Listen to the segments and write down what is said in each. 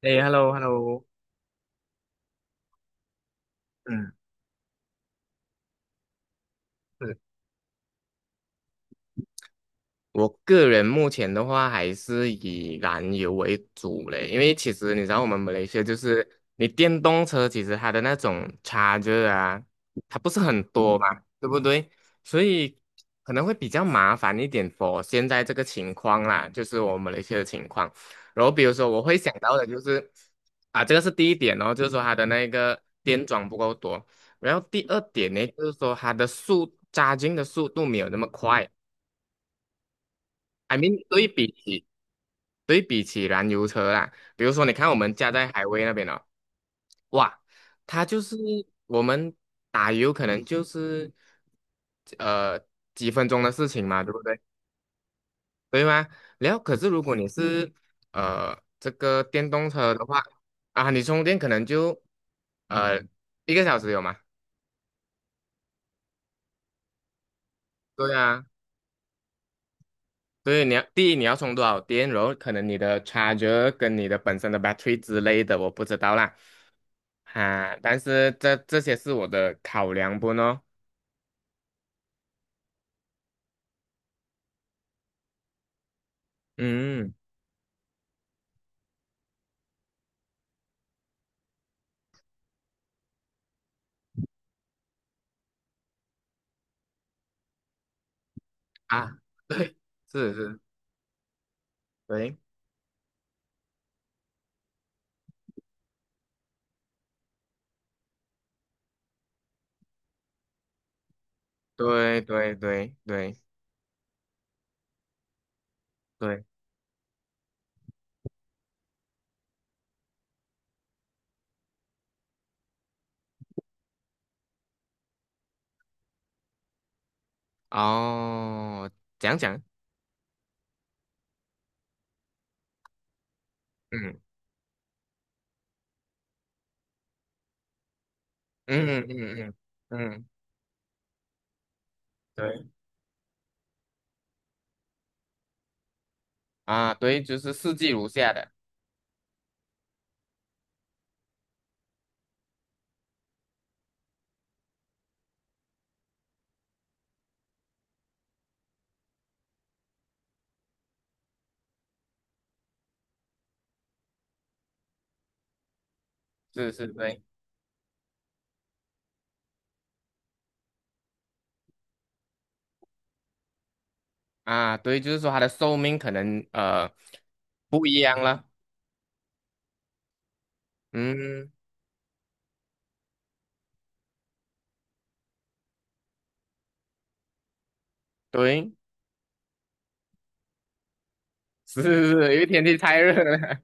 哎，hello hello。嗯。嗯是。我个人目前的话还是以燃油为主嘞，因为其实你知道我们马来西亚就是你电动车其实它的那种差 h 啊，它不是很多嘛，对不对？所以可能会比较麻烦一点 for 现在这个情况啦，就是我们马来西亚的情况。然后比如说我会想到的就是啊，这个是第一点哦，就是说它的那个电桩不够多。然后第二点呢，就是说它的速加 h 的速度没有那么快。I mean，对比起燃油车啦，比如说你看我们家在海威那边哦。哇。它就是我们打油可能就是呃几分钟的事情嘛，对不对？对吗？然后可是如果你是这个电动车的话，啊，你充电可能就呃1个小时有吗？对啊。对，第一你要充多少电，然后可能你的 charger 跟你的本身的 battery 之类的，我不知道啦。啊，但是这些是我的考量不呢？嗯。啊，对。是是。对对对对对对。哦。讲讲。嗯嗯嗯嗯嗯。嗯嗯嗯嗯嗯。对啊。对，就是四季如下的。是是。对啊。对，就是说它的寿命可能不一样了。嗯。对。是是是，因为天气太热了。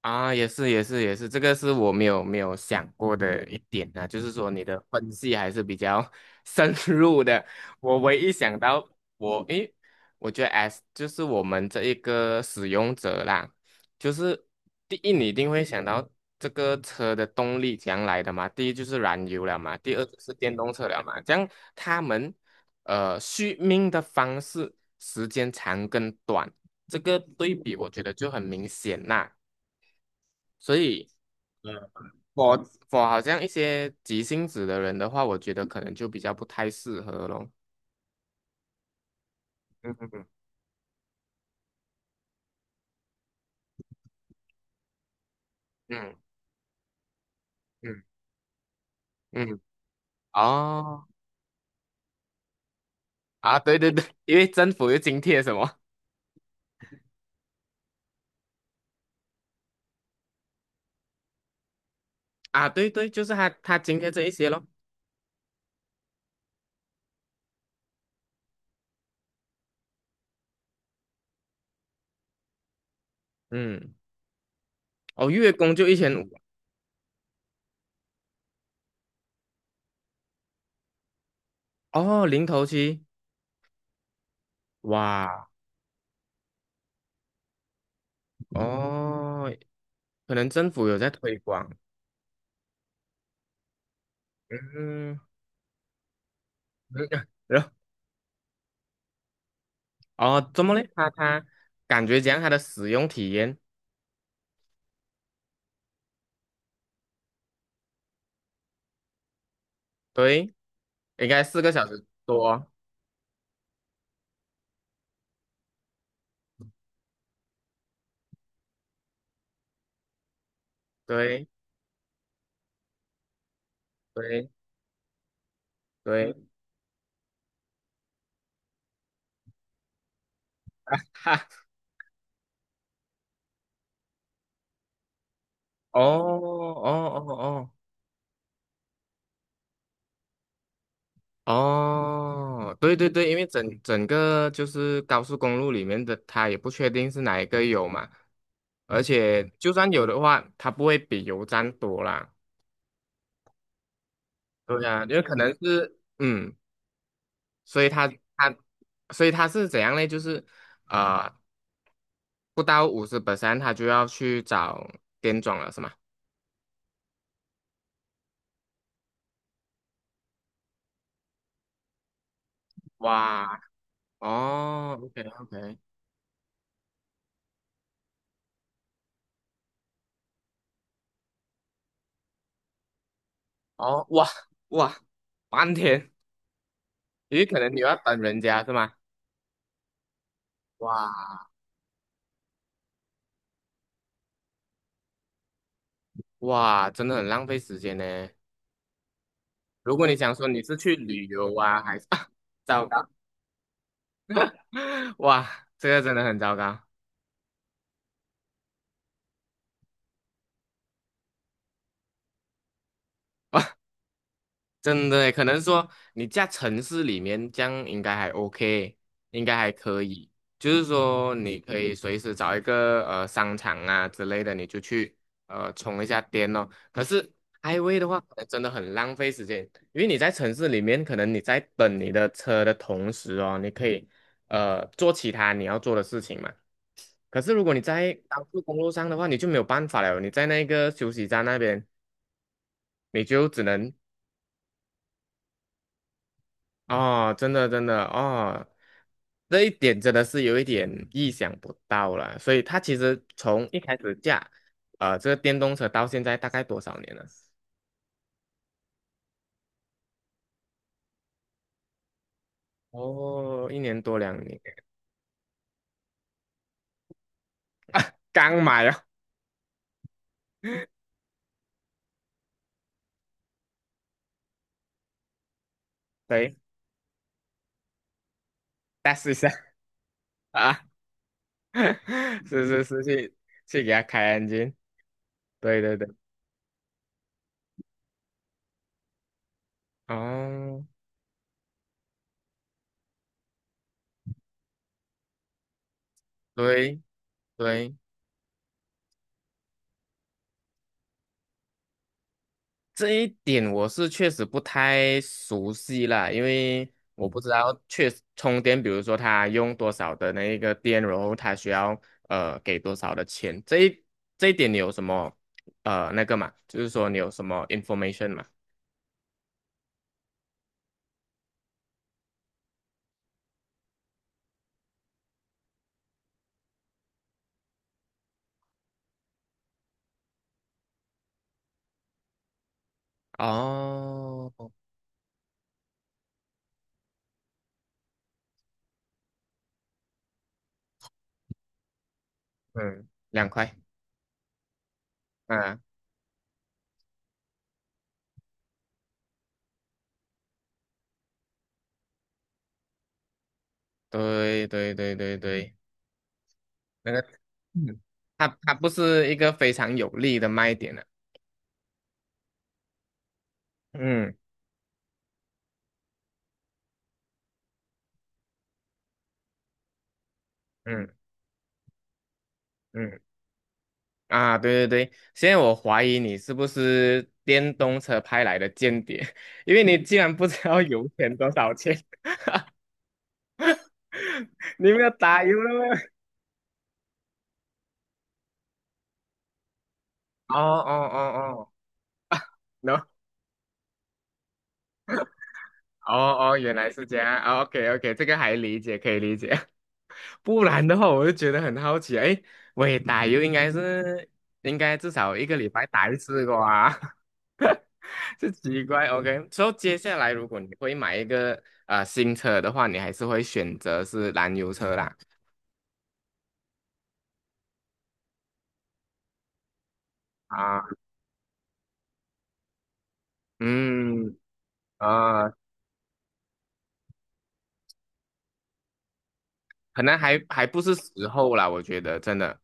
啊，也是也是也是，这个是我没有想过的一点啊，就是说你的分析还是比较 深入的。我唯一想到我诶，我觉得 S 就是我们这一个使用者啦，就是第一你一定会想到这个车的动力将来的嘛，第一就是燃油了嘛，第二就是电动车了嘛，这样他们续命的方式时间长跟短，这个对比我觉得就很明显啦。所以嗯，我我好像一些急性子的人的话，我觉得可能就比较不太适合咯。嗯嗯嗯。哦。啊，对对对。因为政府又津贴什么。啊？对对，就是他津贴这一些咯。嗯。哦，月供就1,500。哦，零头期。哇。哦，可能政府有在推广。嗯。嗯。然后哦，怎么嘞？他感觉讲他的使用体验。对，应该4个小时多。对。对对。哈。哦哦哦哦哦。对对对，因为整整个就是高速公路里面的，它也不确定是哪一个有嘛，而且就算有的话，它不会比油站多啦。对呀，因为可能是所以它它所以它是怎样呢？就是啊不到50%，它就要去找店装了，是吗？哇。哦，OK OK。哦。哇哇。半天。因为可能你要等人家是吗？哇。哇，真的很浪费时间呢。如果你想说你是去旅游啊，还是 糟糕。哇，这个真的很糟糕。真的耶可能说你在城市里面这样应该还 OK，应该还可以。就是说你可以随时找一个商场啊之类的，你就去充一下电哦。可是 IGWAY 的话，可能真的很浪费时间，因为你在城市里面，可能你在等你的车的同时哦，你可以做其他你要做的事情嘛。可是如果你在高速公路上的话，你就没有办法了，你在那个休息站那边，你就只能哦。真的真的哦。这一点真的是有一点意想不到了。所以它其实从一开始架，这个电动车到现在大概多少年了？哦，1年多2年。刚买哦。对。再试一下啊。是是是，去给它开 对对对。哦。对对。这一点我是确实不太熟悉啦，因为我不知道确实充电，比如说它用多少的那一个电，然后它需要给多少的钱，这一点你有什么那个嘛？就是说你有什么 information 嘛？哦。嗯。2块。啊。对对对对对。那个它不是一个非常有利的卖点啊。嗯嗯嗯。啊，对对对，现在我怀疑你是不是电动车派来的间谍。因为你竟然不知道油钱多少钱。你们要打油了吗？哦哦哦哦，no。哦哦，原来是这样，OK OK，这个还理解，可以理解。不然的话，我就觉得很好奇啊，哎，喂，打油应该至少1个礼拜打一次吧？这奇怪，OK。所以接下来如果你会买一个新车的话，你还是会选择是燃油车啦。啊。嗯。啊，可能还不是时候啦，我觉得真的。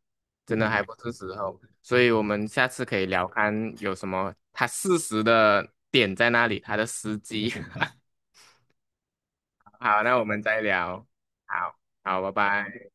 真的还不是时候，所以我们下次可以聊看有什么他适时的点在那里，他的时机。好，那我们再聊。好。好，拜拜。